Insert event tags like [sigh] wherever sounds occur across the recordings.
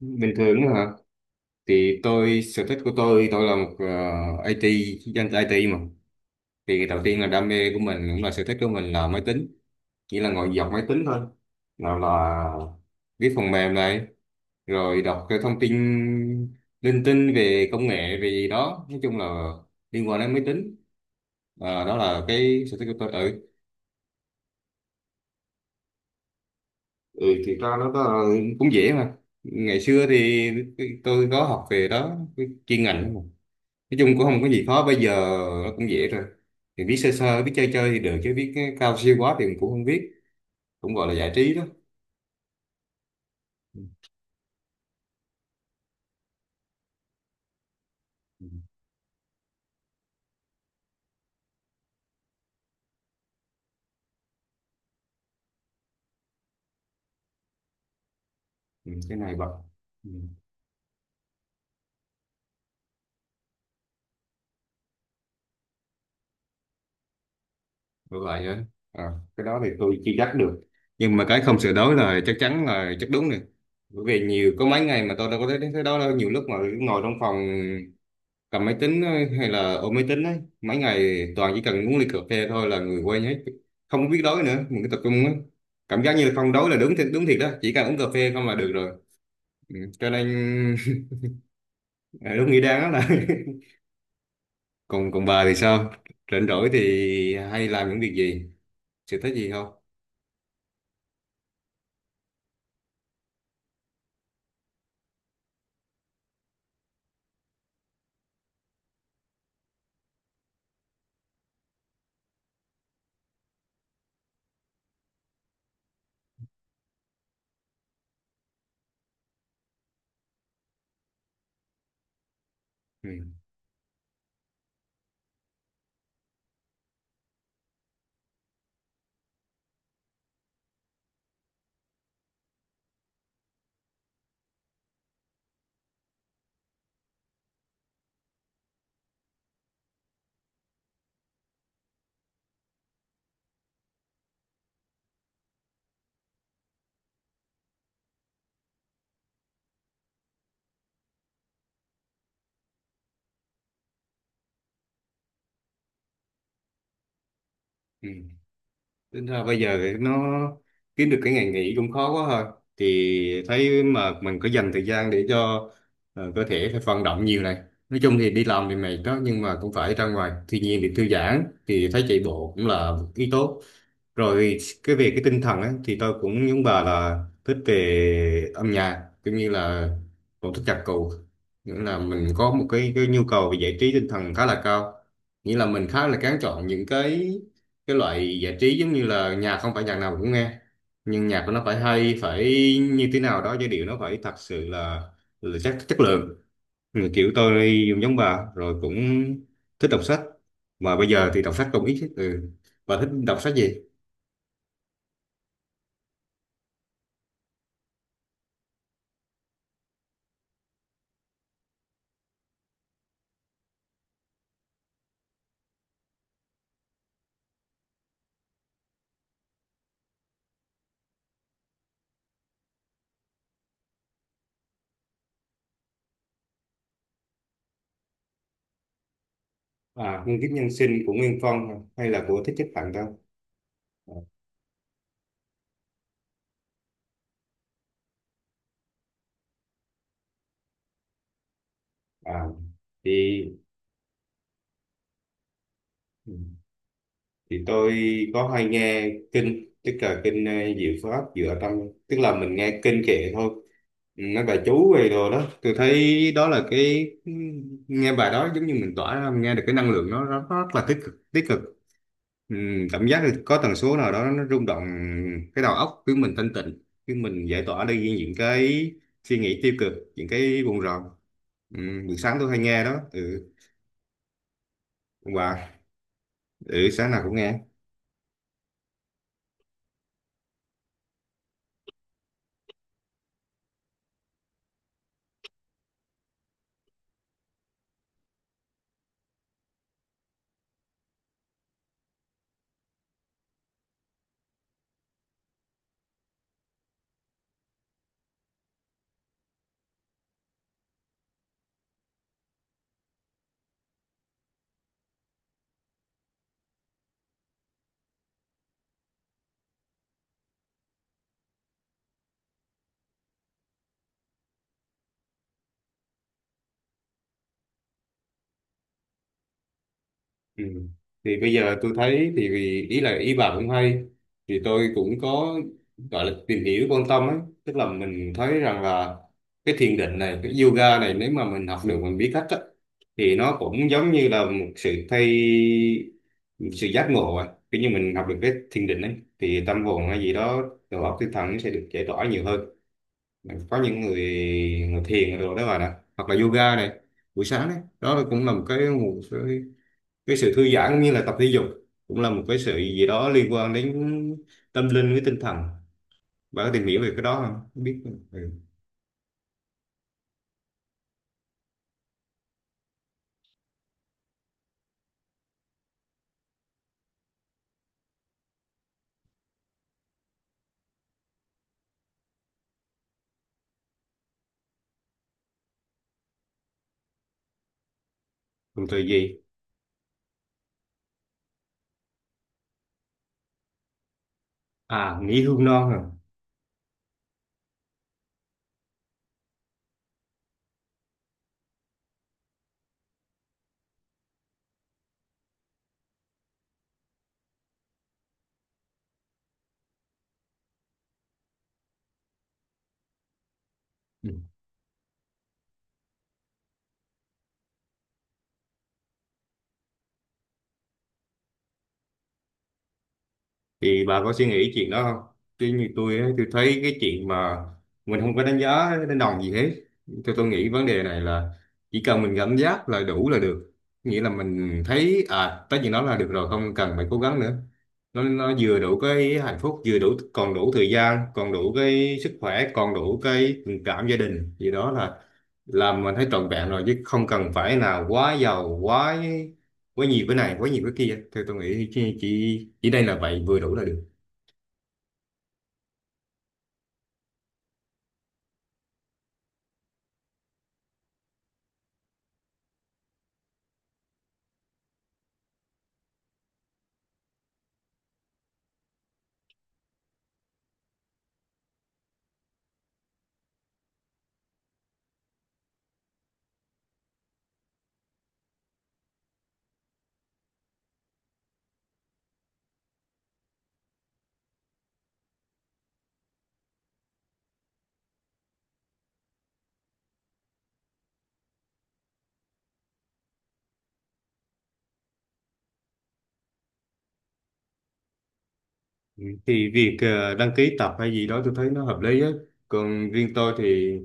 Bình thường đó hả? Thì tôi, sở thích của tôi là một IT, dân IT mà. Thì đầu tiên là đam mê của mình cũng là sở thích của mình là máy tính, chỉ là ngồi dọc máy tính thôi, nào là viết phần mềm này, rồi đọc cái thông tin linh tinh về công nghệ về gì đó, nói chung là liên quan đến máy tính. Đó là cái sở thích của tôi, ừ. Ừ thì ra nó có, cũng dễ mà. Ngày xưa thì tôi có học về đó, cái chuyên ngành đó mà. Nói chung cũng không có gì khó, bây giờ nó cũng dễ rồi, thì biết sơ sơ biết chơi chơi thì được, chứ biết cái cao siêu quá thì mình cũng không biết, cũng gọi là giải trí đó. Ừ. Ừ. Ừ. Cái này bật. Ừ. Được lại á. à, cái đó thì tôi chưa chắc được, nhưng mà cái không sửa đổi là chắc chắn, là chắc đúng rồi. Bởi vì nhiều có mấy ngày mà tôi đâu có thấy thấy đó đâu, nhiều lúc mà ngồi trong phòng cầm máy tính ấy, hay là ôm máy tính ấy mấy ngày, toàn chỉ cần uống ly cà phê thôi là người quên hết, không có biết đói nữa, mình cứ tập trung ấy. Cảm giác như là không đói là đúng thiệt đó, chỉ cần uống cà phê không là được rồi. Ừ, cho nên [laughs] ờ, đúng nghĩa đáng lắm là. [laughs] còn còn bà thì sao? Rảnh rỗi thì hay làm những việc gì, sở thích gì không? Ừ. Ừ. Tính ra bây giờ thì nó kiếm được cái ngày nghỉ cũng khó quá thôi. Thì thấy mà mình có dành thời gian để cho cơ thể phải vận động nhiều này. Nói chung thì đi làm thì mệt đó, nhưng mà cũng phải ra ngoài thiên nhiên để thư giãn, thì thấy chạy bộ cũng là một ý tốt rồi. Cái về cái tinh thần á, thì tôi cũng giống bà là thích về âm nhạc, cũng như là cũng thích nhạc cụ. Nghĩa là mình có một cái nhu cầu về giải trí tinh thần khá là cao. Nghĩa là mình khá là kén chọn những cái loại giải trí, giống như là nhạc không phải nhạc nào cũng nghe, nhưng nhạc của nó phải hay, phải như thế nào đó, giai điệu nó phải thật sự là chất, chất lượng. Ừ, kiểu tôi giống bà rồi, cũng thích đọc sách, mà bây giờ thì đọc sách cũng ít. Ừ. Bà thích đọc sách gì? Nguyên kiếp nhân sinh của Nguyên Phong, hay là của Thích Nhất Hạnh đâu? à, à, thì thì tôi có hay nghe kinh, tức là kinh Diệu Pháp Dựa Tâm, tức là mình nghe kinh kệ thôi. Ừ, nói bà chú về đồ đó, tôi thấy đó là cái nghe bài đó giống như mình tỏa ra, nghe được cái năng lượng nó rất là tích cực, tích cực. Ừ, cảm giác là có tần số nào đó nó rung động cái đầu óc, khiến mình thanh tịnh, khiến mình giải tỏa đi những cái suy nghĩ tiêu cực, những cái buồn rầu. Ừ, buổi sáng tôi hay nghe đó. Ừ, còn bà? Ừ, sáng nào cũng nghe. Ừ. Thì bây giờ tôi thấy thì ý là ý bà cũng hay, thì tôi cũng có gọi là tìm hiểu quan tâm ấy. Tức là mình thấy rằng là cái thiền định này, cái yoga này, nếu mà mình học được, mình biết cách á, thì nó cũng giống như là một sự giác ngộ. À, kiểu như mình học được cái thiền định ấy thì tâm hồn hay gì đó, đầu óc tinh thần nó sẽ được giải tỏa nhiều hơn. Có những người, người thiền rồi đó bà nè, hoặc là yoga này, buổi sáng đấy đó là cũng là một cái sự thư giãn, cũng như là tập thể dục, cũng là một cái sự gì đó liên quan đến tâm linh với tinh thần. Bạn có tìm hiểu về cái đó không? Không biết. Ừ. Còn thời gì? À, nghỉ hưu non à? Ừ. Thì bà có suy nghĩ chuyện đó không? Chứ như tôi ấy, tôi thấy cái chuyện mà mình không có đánh giá đánh đồng gì hết. Tôi nghĩ vấn đề này là chỉ cần mình cảm giác là đủ là được. Nghĩa là mình thấy à tới chuyện đó là được rồi, không cần phải cố gắng nữa. Nó vừa đủ cái hạnh phúc, vừa đủ, còn đủ thời gian, còn đủ cái sức khỏe, còn đủ cái tình cảm gia đình gì đó là làm mình thấy trọn vẹn rồi, chứ không cần phải là quá giàu, quá quá nhiều cái này, quá nhiều cái kia. Thì tôi nghĩ chỉ đây là vậy, vừa đủ là được. Ừ, thì việc đăng ký tập hay gì đó tôi thấy nó hợp lý á. Còn riêng tôi thì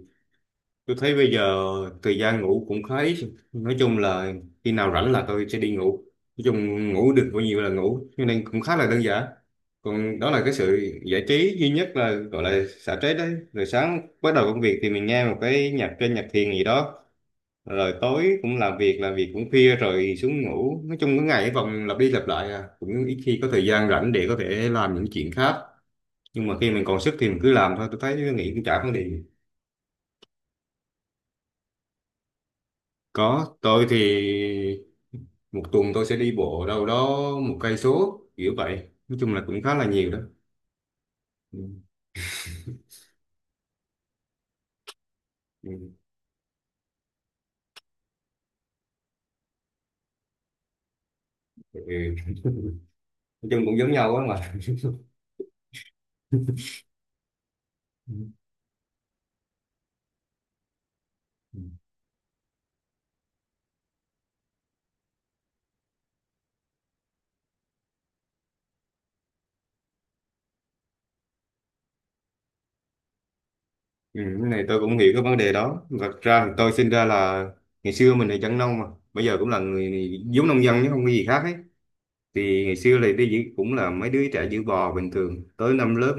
tôi thấy bây giờ thời gian ngủ cũng khá ít, nói chung là khi nào rảnh là tôi sẽ đi ngủ, nói chung ngủ được bao nhiêu là ngủ, cho nên cũng khá là đơn giản. Còn đó là cái sự giải trí duy nhất, là gọi là xả stress đấy, rồi sáng bắt đầu công việc thì mình nghe một cái nhạc trên, nhạc thiền gì đó, rồi tối cũng làm việc, làm việc cũng khuya rồi xuống ngủ. Nói chung cái ngày cái vòng lặp đi lặp lại à, cũng ít khi có thời gian rảnh để có thể làm những chuyện khác, nhưng mà khi mình còn sức thì mình cứ làm thôi, tôi thấy nghĩ cũng chả vấn đề gì. Có, tôi thì một tuần tôi sẽ đi bộ đâu đó 1 cây số kiểu vậy, nói chung là cũng khá là nhiều đó. Ừ. Ừ. [laughs] nói chung cũng giống nhau á mà. [laughs] Ừ. Ừ, cái này tôi cũng hiểu cái vấn đề đó. Thật ra thì tôi sinh ra là, ngày xưa mình là dân nông mà, bây giờ cũng là người giống nông dân chứ không có gì khác ấy. Thì ngày xưa là đi giữ cũng là mấy đứa trẻ giữ bò bình thường, tới năm lớp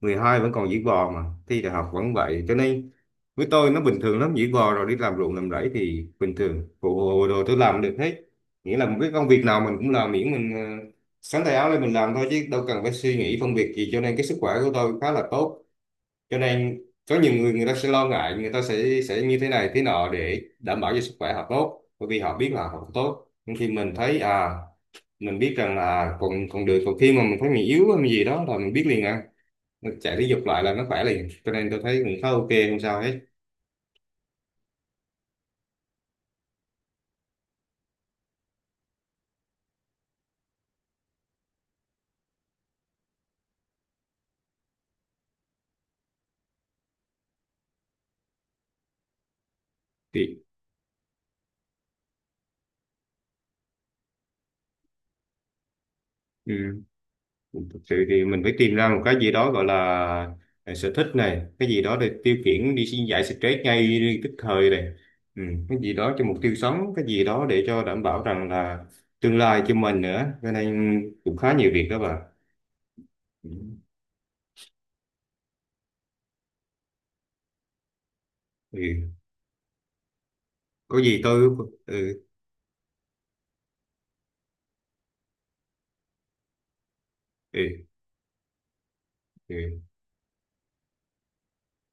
12 vẫn còn giữ bò mà, thi đại học vẫn vậy. Cho nên với tôi nó bình thường lắm, giữ bò rồi đi làm ruộng làm rẫy thì bình thường, phụ đồ tôi làm được hết. Nghĩa là một cái công việc nào mình cũng làm, miễn mình xắn tay áo lên mình làm thôi, chứ đâu cần phải suy nghĩ phân biệt gì, cho nên cái sức khỏe của tôi khá là tốt. Cho nên có nhiều người, người ta sẽ lo ngại, người ta sẽ như thế này thế nọ để đảm bảo cho sức khỏe họ tốt, bởi vì họ biết là họ tốt. Nhưng khi mình thấy à, mình biết rằng là còn còn được, còn khi mà mình thấy mình yếu hay gì đó là mình biết liền à, mình chạy thể dục lại là nó khỏe liền, cho nên tôi thấy cũng khá ok, không sao hết. Thì ừ. Thực sự thì mình phải tìm ra một cái gì đó gọi là sở thích này, cái gì đó để tiêu khiển đi xin giải stress ngay tức thời này. Ừ, cái gì đó cho mục tiêu sống, cái gì đó để cho đảm bảo rằng là tương lai cho mình nữa, cho nên cũng khá nhiều việc đó bà. Ừ. Ừ. Có gì tôi ừ. Ừ. Ừ.